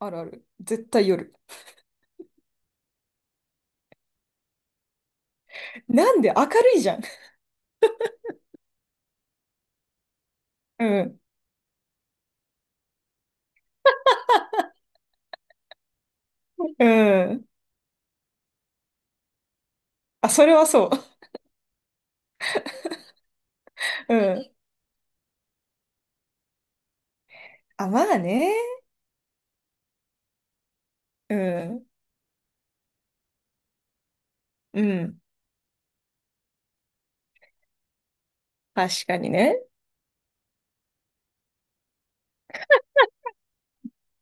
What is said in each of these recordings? あるある。絶対夜。なんで明るいじゃん。うん。うん。あ、それはそう。うん。あ、まあね。うん。うん。確かにね。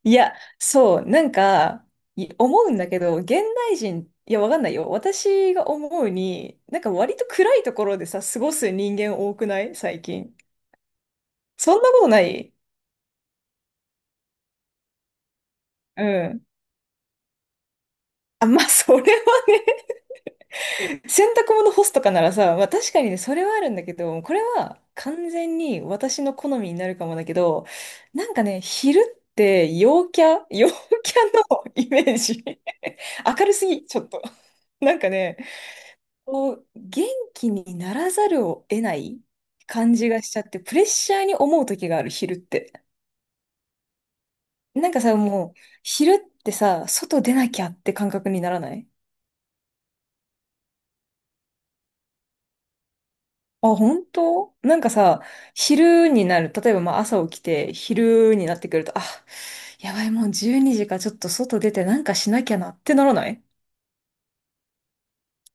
いや、そう、なんか、思うんだけど、現代人、いや、わかんないよ。私が思うに、なんか割と暗いところでさ、過ごす人間多くない最近？そんなことない？うん。あ、まあ、それはね、洗濯物干すとかならさ、まあ確かにね、それはあるんだけど、これは完全に私の好みになるかもだけど、なんかね、昼って陽キャ、陽キャのイメージ。明るすぎ、ちょっと。なんかね、こう、元気にならざるを得ない感じがしちゃって、プレッシャーに思う時がある、昼って。なんかさ、もう、昼ってさ、外出なきゃって感覚にならない？あ、本当？なんかさ、昼になる、例えばまあ朝起きて、昼になってくると、あ、やばい、もう12時か、ちょっと外出てなんかしなきゃなってならない？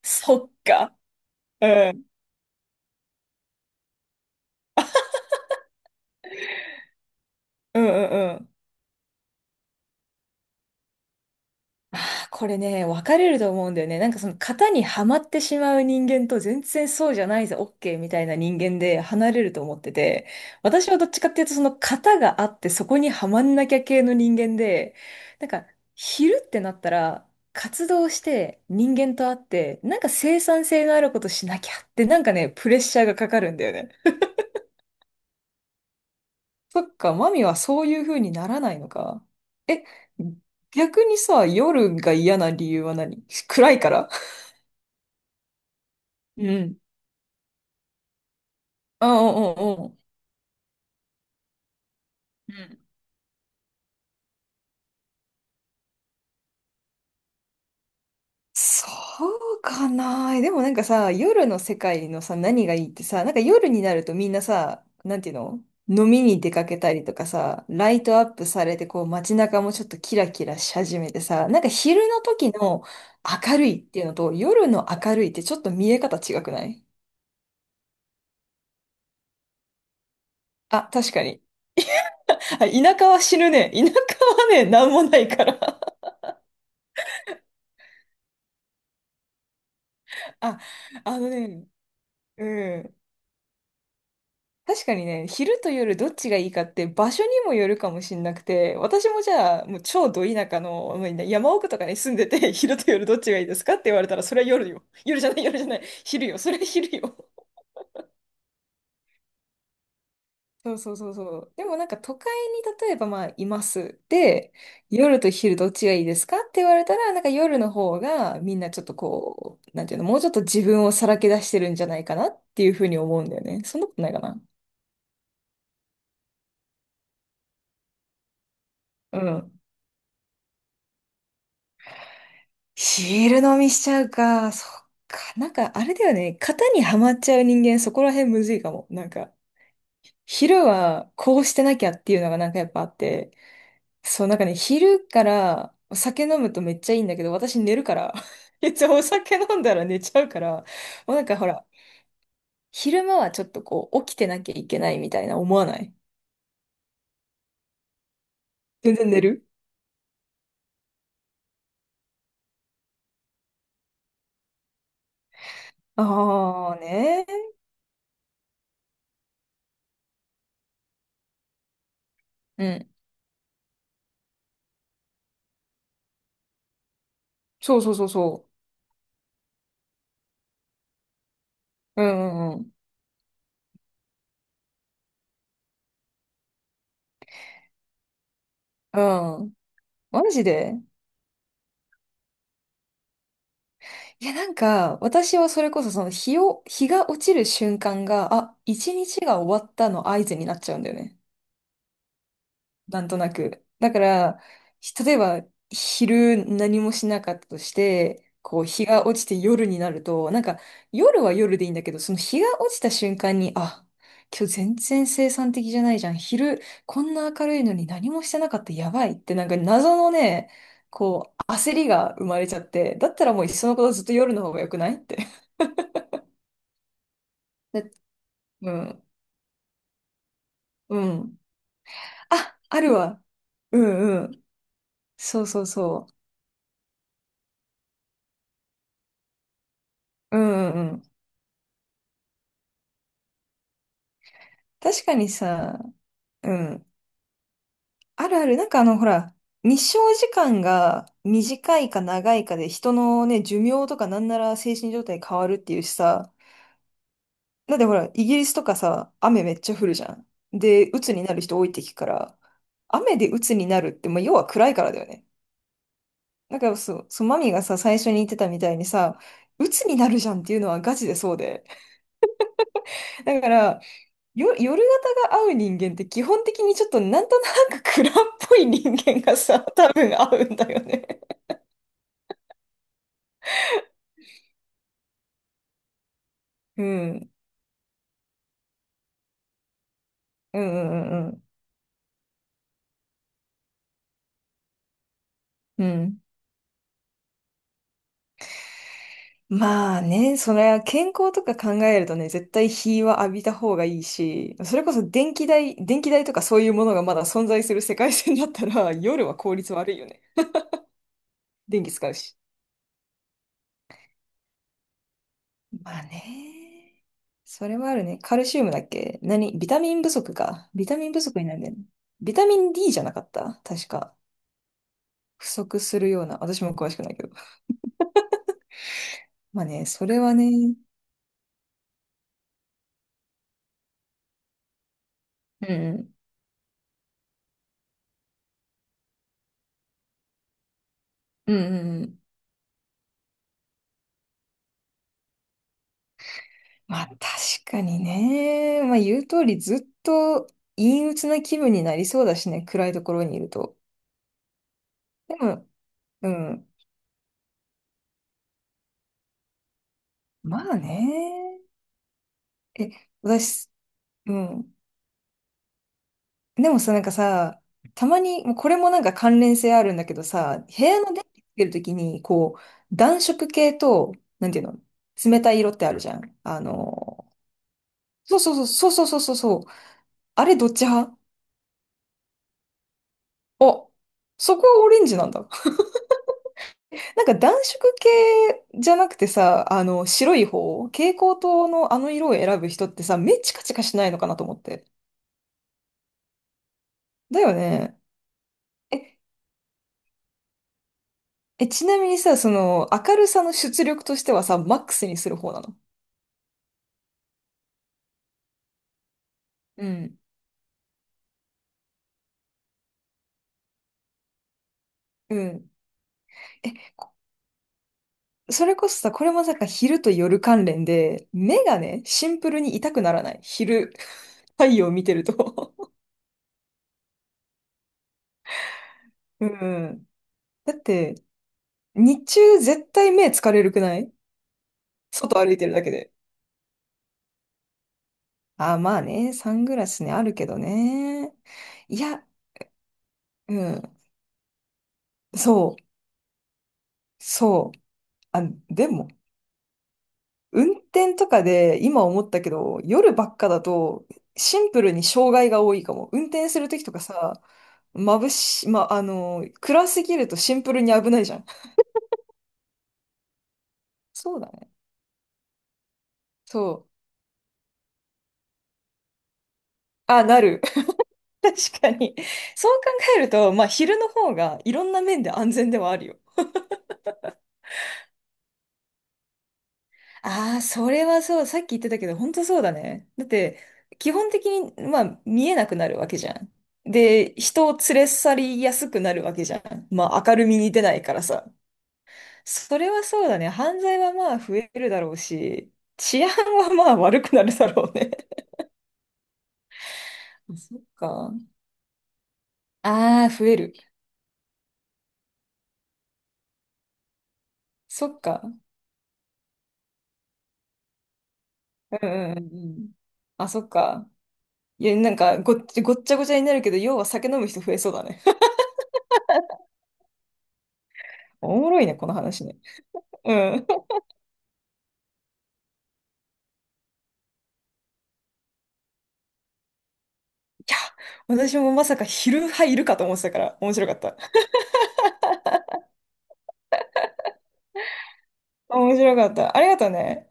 そっか。うん。うんうんうん。あーこれね、分かれると思うんだよね。なんかその型にはまってしまう人間と全然そうじゃないぜ、OK みたいな人間で離れると思ってて、私はどっちかっていうとその型があってそこにはまんなきゃ系の人間で、なんか昼ってなったら活動して人間と会って、なんか生産性のあることしなきゃってなんかね、プレッシャーがかかるんだよね。そっか、マミはそういう風にならないのか。え、逆にさ、夜が嫌な理由は何？暗いから？うん。うんうんうんうん。うん。そうかな。でもなんかさ、夜の世界のさ、何がいいってさ、なんか夜になるとみんなさ、なんていうの、飲みに出かけたりとかさ、ライトアップされて、こう街中もちょっとキラキラし始めてさ、なんか昼の時の明るいっていうのと夜の明るいってちょっと見え方違くない？あ、確かに。あ、田舎は死ぬね。田舎はね、なんもないから。あ、あのね、うん。確かにね、昼と夜どっちがいいかって場所にもよるかもしんなくて、私もじゃあ、もう超ど田舎の、もうね山奥とかに住んでて、昼と夜どっちがいいですかって言われたら、それは夜よ。夜じゃない、夜じゃない。昼よ、それは昼よ。そうそうそうそう。でもなんか都会に例えばまあいます。で、夜と昼どっちがいいですかって言われたら、なんか夜の方がみんなちょっとこう、なんていうの、もうちょっと自分をさらけ出してるんじゃないかなっていうふうに思うんだよね。そんなことないかな。ヒール飲みしちゃうか。そっか。なんか、あれだよね。型にはまっちゃう人間、そこら辺むずいかも。なんか、昼はこうしてなきゃっていうのがなんかやっぱあって。そう、なんかね、昼からお酒飲むとめっちゃいいんだけど、私寝るから。いつもお酒飲んだら寝ちゃうから。もうなんかほら、昼間はちょっとこう、起きてなきゃいけないみたいな思わない？全然寝る？ああーね。うん。そうそうそうそう。うんうんうん。うん。マジで？いや、なんか、私はそれこそその日を、日が落ちる瞬間が、あ、一日が終わったの合図になっちゃうんだよね。なんとなく。だから、例えば、昼何もしなかったとして、こう、日が落ちて夜になると、なんか、夜は夜でいいんだけど、その日が落ちた瞬間に、あ、今日全然生産的じゃないじゃん。昼、こんな明るいのに何もしてなかった、やばいって、なんか謎のね、こう、焦りが生まれちゃって、だったらもういっそのことずっと夜の方が良くないって。で、うん、うん。あ、あるわ。うんうん。そうそうそう。うんうんうん。確かにさ、うん。あるある。なんかあの、ほら、日照時間が短いか長いかで人のね、寿命とかなんなら精神状態変わるっていうしさ。だってほら、イギリスとかさ、雨めっちゃ降るじゃん。で、鬱になる人多いって聞くから、雨で鬱になるって、まあ、要は暗いからだよね。だからそう、そう、マミがさ、最初に言ってたみたいにさ、鬱になるじゃんっていうのはガチでそうで。だから、夜型が合う人間って基本的にちょっとなんとなく暗っぽい人間がさ、多分合うんだよね。うん。うんうんうんうん。うん。まあね、それは健康とか考えるとね、絶対日は浴びた方がいいし、それこそ電気代、電気代とかそういうものがまだ存在する世界線だったら、夜は効率悪いよね。電気使うし。まあね。それはあるね。カルシウムだっけ？何ビタミン不足か。ビタミン不足になるんだよね。ビタミン D じゃなかった確か。不足するような。私も詳しくないけど。まあね、それはね。うん。うんうんうん。まあ確かにね。まあ言う通りずっと陰鬱な気分になりそうだしね。暗いところにいると。でも、うん。まあね。え、私、うん。でもさ、なんかさ、たまに、もうこれもなんか関連性あるんだけどさ、部屋の電気つけるときに、こう、暖色系と、なんていうの、冷たい色ってあるじゃん。あの、そうそうそうそうそうそうそう。あれどっち派？あ、そこはオレンジなんだ。なんか暖色系じゃなくてさ、あの、白い方、蛍光灯のあの色を選ぶ人ってさ、目チカチカしないのかなと思って。だよね。え、え、ちなみにさ、その、明るさの出力としてはさ、マックスにする方なの？うんうん。え、それこそさ、これもさ、昼と夜関連で、目がね、シンプルに痛くならない。昼、太陽見てると うん。だって、日中絶対目疲れるくない？外歩いてるだけで。ああ、まあね、サングラスね、あるけどね。いや、うん。そう、そう。あ、でも、運転とかで今思ったけど、夜ばっかだとシンプルに障害が多いかも。運転するときとかさ、ま、あの、暗すぎるとシンプルに危ないじゃん。そうだね。そう。あ、なる。確かに。そう考えると、まあ昼の方がいろんな面で安全ではあるよ。ああ、それはそう。さっき言ってたけど、本当そうだね。だって、基本的に、まあ、見えなくなるわけじゃん。で、人を連れ去りやすくなるわけじゃん。まあ、明るみに出ないからさ。それはそうだね。犯罪はまあ増えるだろうし、治安はまあ悪くなるだろうね。あ、そっか。ああ、増える。そっか。うんうんうんうん。あ、そっか。いや、なんかごっちゃごちゃになるけど、要は酒飲む人増えそうだね。おもろいね、この話ね。うん。いや、私もまさか昼派いるかと思ってたから、面白かった。面白かった。ありがとうね。